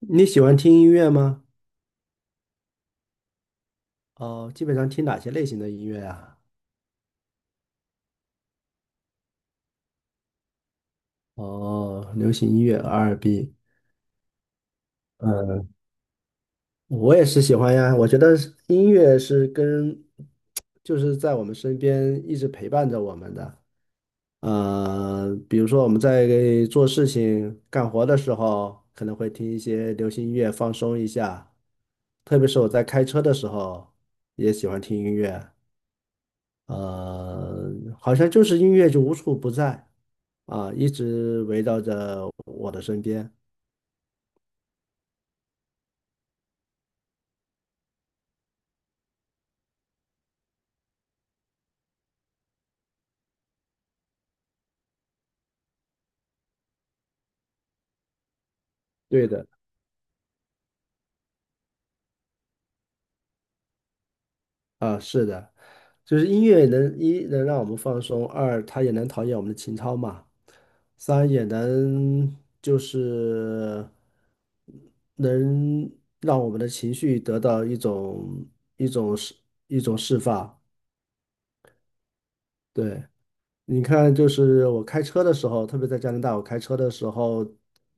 你喜欢听音乐吗？哦，基本上听哪些类型的音乐啊？哦，流行音乐、R&B。嗯，我也是喜欢呀。我觉得是音乐是跟，就是在我们身边一直陪伴着我们的。比如说我们在做事情、干活的时候，可能会听一些流行音乐放松一下。特别是我在开车的时候，也喜欢听音乐。呃，好像就是音乐就无处不在啊，一直围绕着我的身边。对的，啊，是的，就是音乐能一能让我们放松，二它也能陶冶我们的情操嘛，三也能就是能让我们的情绪得到一种一种释一种释放。对，你看，就是我开车的时候，特别在加拿大，我开车的时候，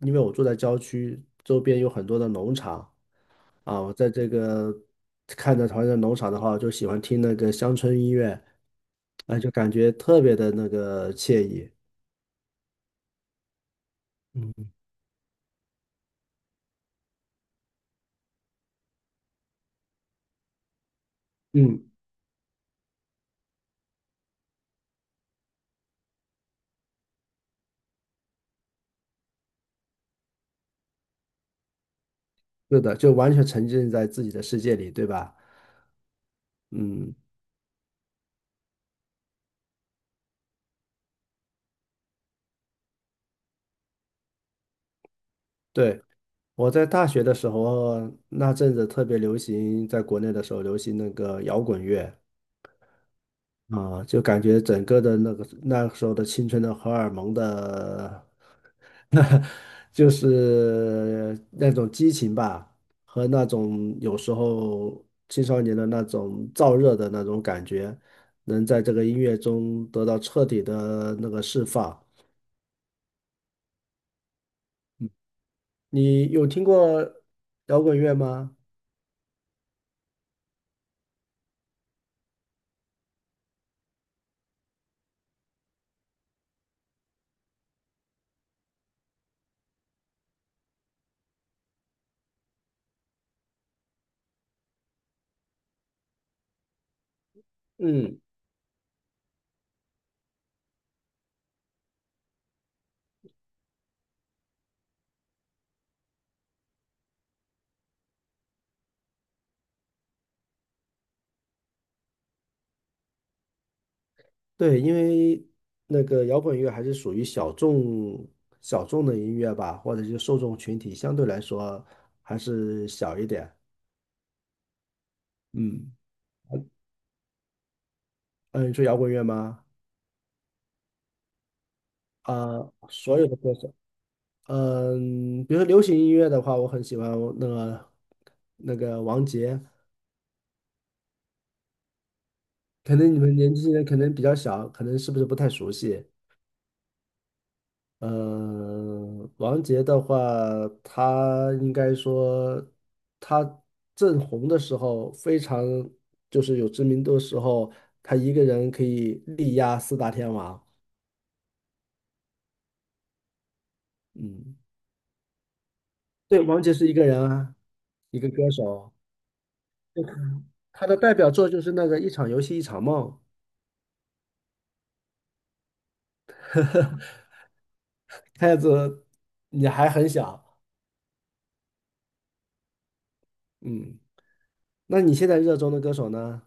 因为我住在郊区，周边有很多的农场啊，我在这个看着旁边的农场的话，我就喜欢听那个乡村音乐，啊，就感觉特别的那个惬意。嗯，是的，就完全沉浸在自己的世界里，对吧？嗯，对。我在大学的时候，那阵子特别流行，在国内的时候流行那个摇滚乐。啊，就感觉整个的那时候的青春的荷尔蒙的，就是那种激情吧，和那种有时候青少年的那种燥热的那种感觉，能在这个音乐中得到彻底的那个释放。你有听过摇滚乐吗？嗯。对，因为那个摇滚乐还是属于小众的音乐吧，或者是受众群体相对来说还是小一点。嗯，嗯，你说摇滚乐吗？啊、所有的歌手，嗯、比如说流行音乐的话，我很喜欢那个那个王杰，可能你们年轻人可能比较小，可能是不是不太熟悉？王杰的话，他应该说他正红的时候，非常就是有知名度的时候，他一个人可以力压四大天王。嗯，对，王杰是一个人啊，一个歌手，他的代表作就是那个《一场游戏一场梦》。看样子你还很小，嗯，那你现在热衷的歌手呢？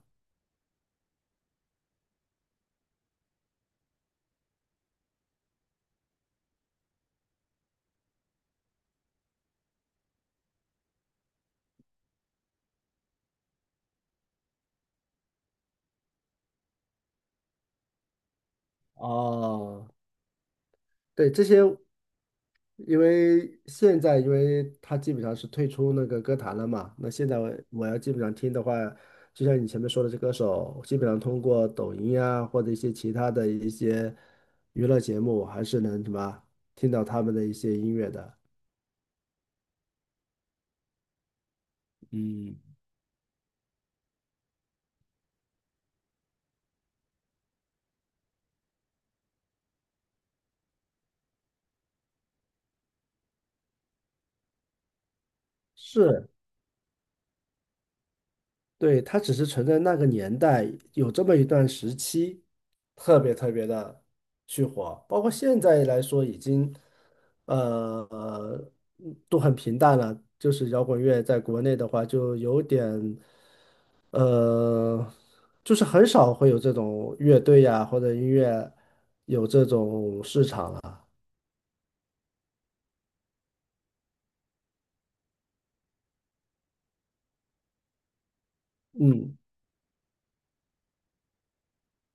哦。对，这些，因为现在因为他基本上是退出那个歌坛了嘛，那现在我要基本上听的话，就像你前面说的，这歌手基本上通过抖音啊或者一些其他的一些娱乐节目，还是能什么听到他们的一些音乐的。嗯，是，对，它只是存在那个年代有这么一段时期，特别特别的去火，包括现在来说已经呃都很平淡了。就是摇滚乐在国内的话，就有点呃，就是很少会有这种乐队呀、或者音乐有这种市场了。嗯，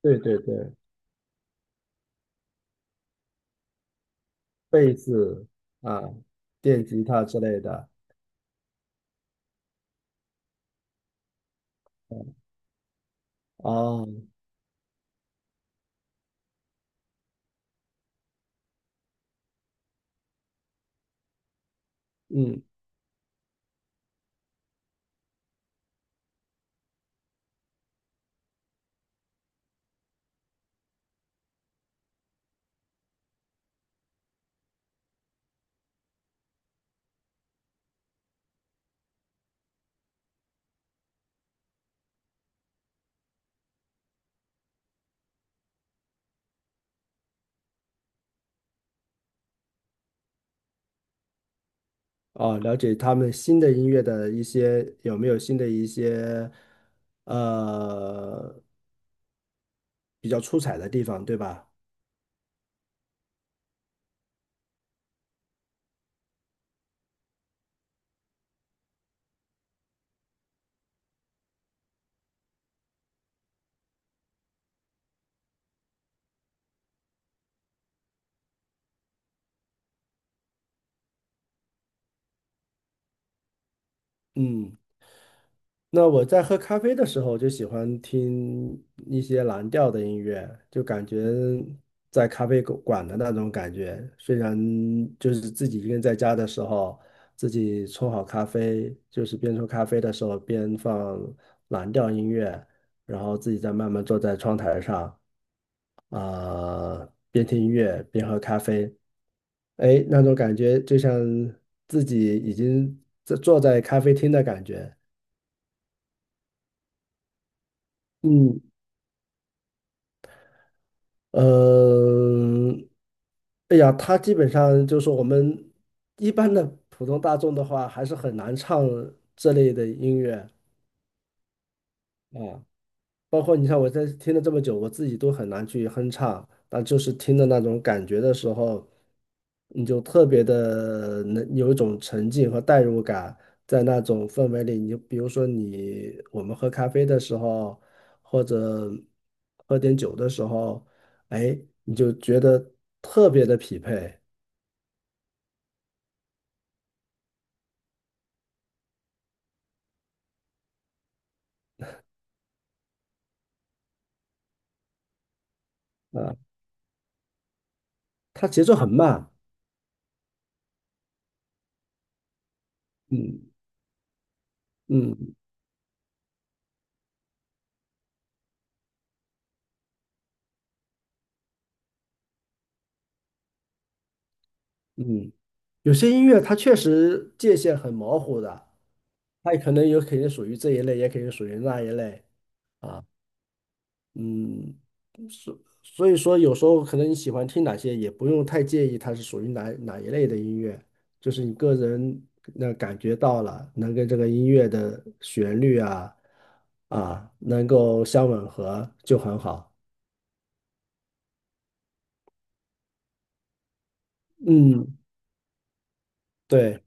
对对对，贝斯啊、电吉他之类的。哦，嗯。哦，了解他们新的音乐的一些有没有新的一些呃比较出彩的地方，对吧？嗯，那我在喝咖啡的时候就喜欢听一些蓝调的音乐，就感觉在咖啡馆的那种感觉。虽然就是自己一个人在家的时候，自己冲好咖啡，就是边冲咖啡的时候边放蓝调音乐，然后自己再慢慢坐在窗台上。啊、边听音乐边喝咖啡，哎，那种感觉就像自己已经在坐在咖啡厅的感觉。嗯，嗯，哎呀，他基本上就是我们一般的普通大众的话，还是很难唱这类的音乐。啊。包括你像我在听了这么久，我自己都很难去哼唱，但就是听的那种感觉的时候，你就特别的能有一种沉浸和代入感，在那种氛围里，你就比如说你我们喝咖啡的时候，或者喝点酒的时候，哎，你就觉得特别的匹配啊，它节奏很慢，嗯嗯。嗯，有些音乐它确实界限很模糊的，它也可能有肯定属于这一类，也肯定属于那一类啊。嗯，所以说有时候可能你喜欢听哪些，也不用太介意它是属于哪一类的音乐，就是你个人那感觉到了，能跟这个音乐的旋律啊啊能够相吻合就很好。嗯，对。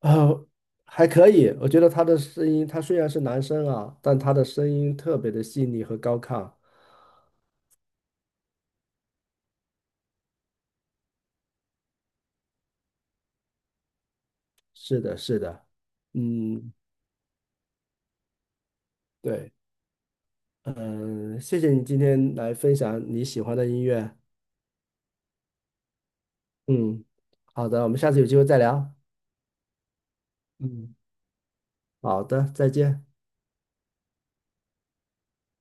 呃，还可以，我觉得他的声音，他虽然是男生啊，但他的声音特别的细腻和高亢。是的，是的，嗯，对，嗯，谢谢你今天来分享你喜欢的音乐。嗯，好的，我们下次有机会再聊。嗯，好的，再见。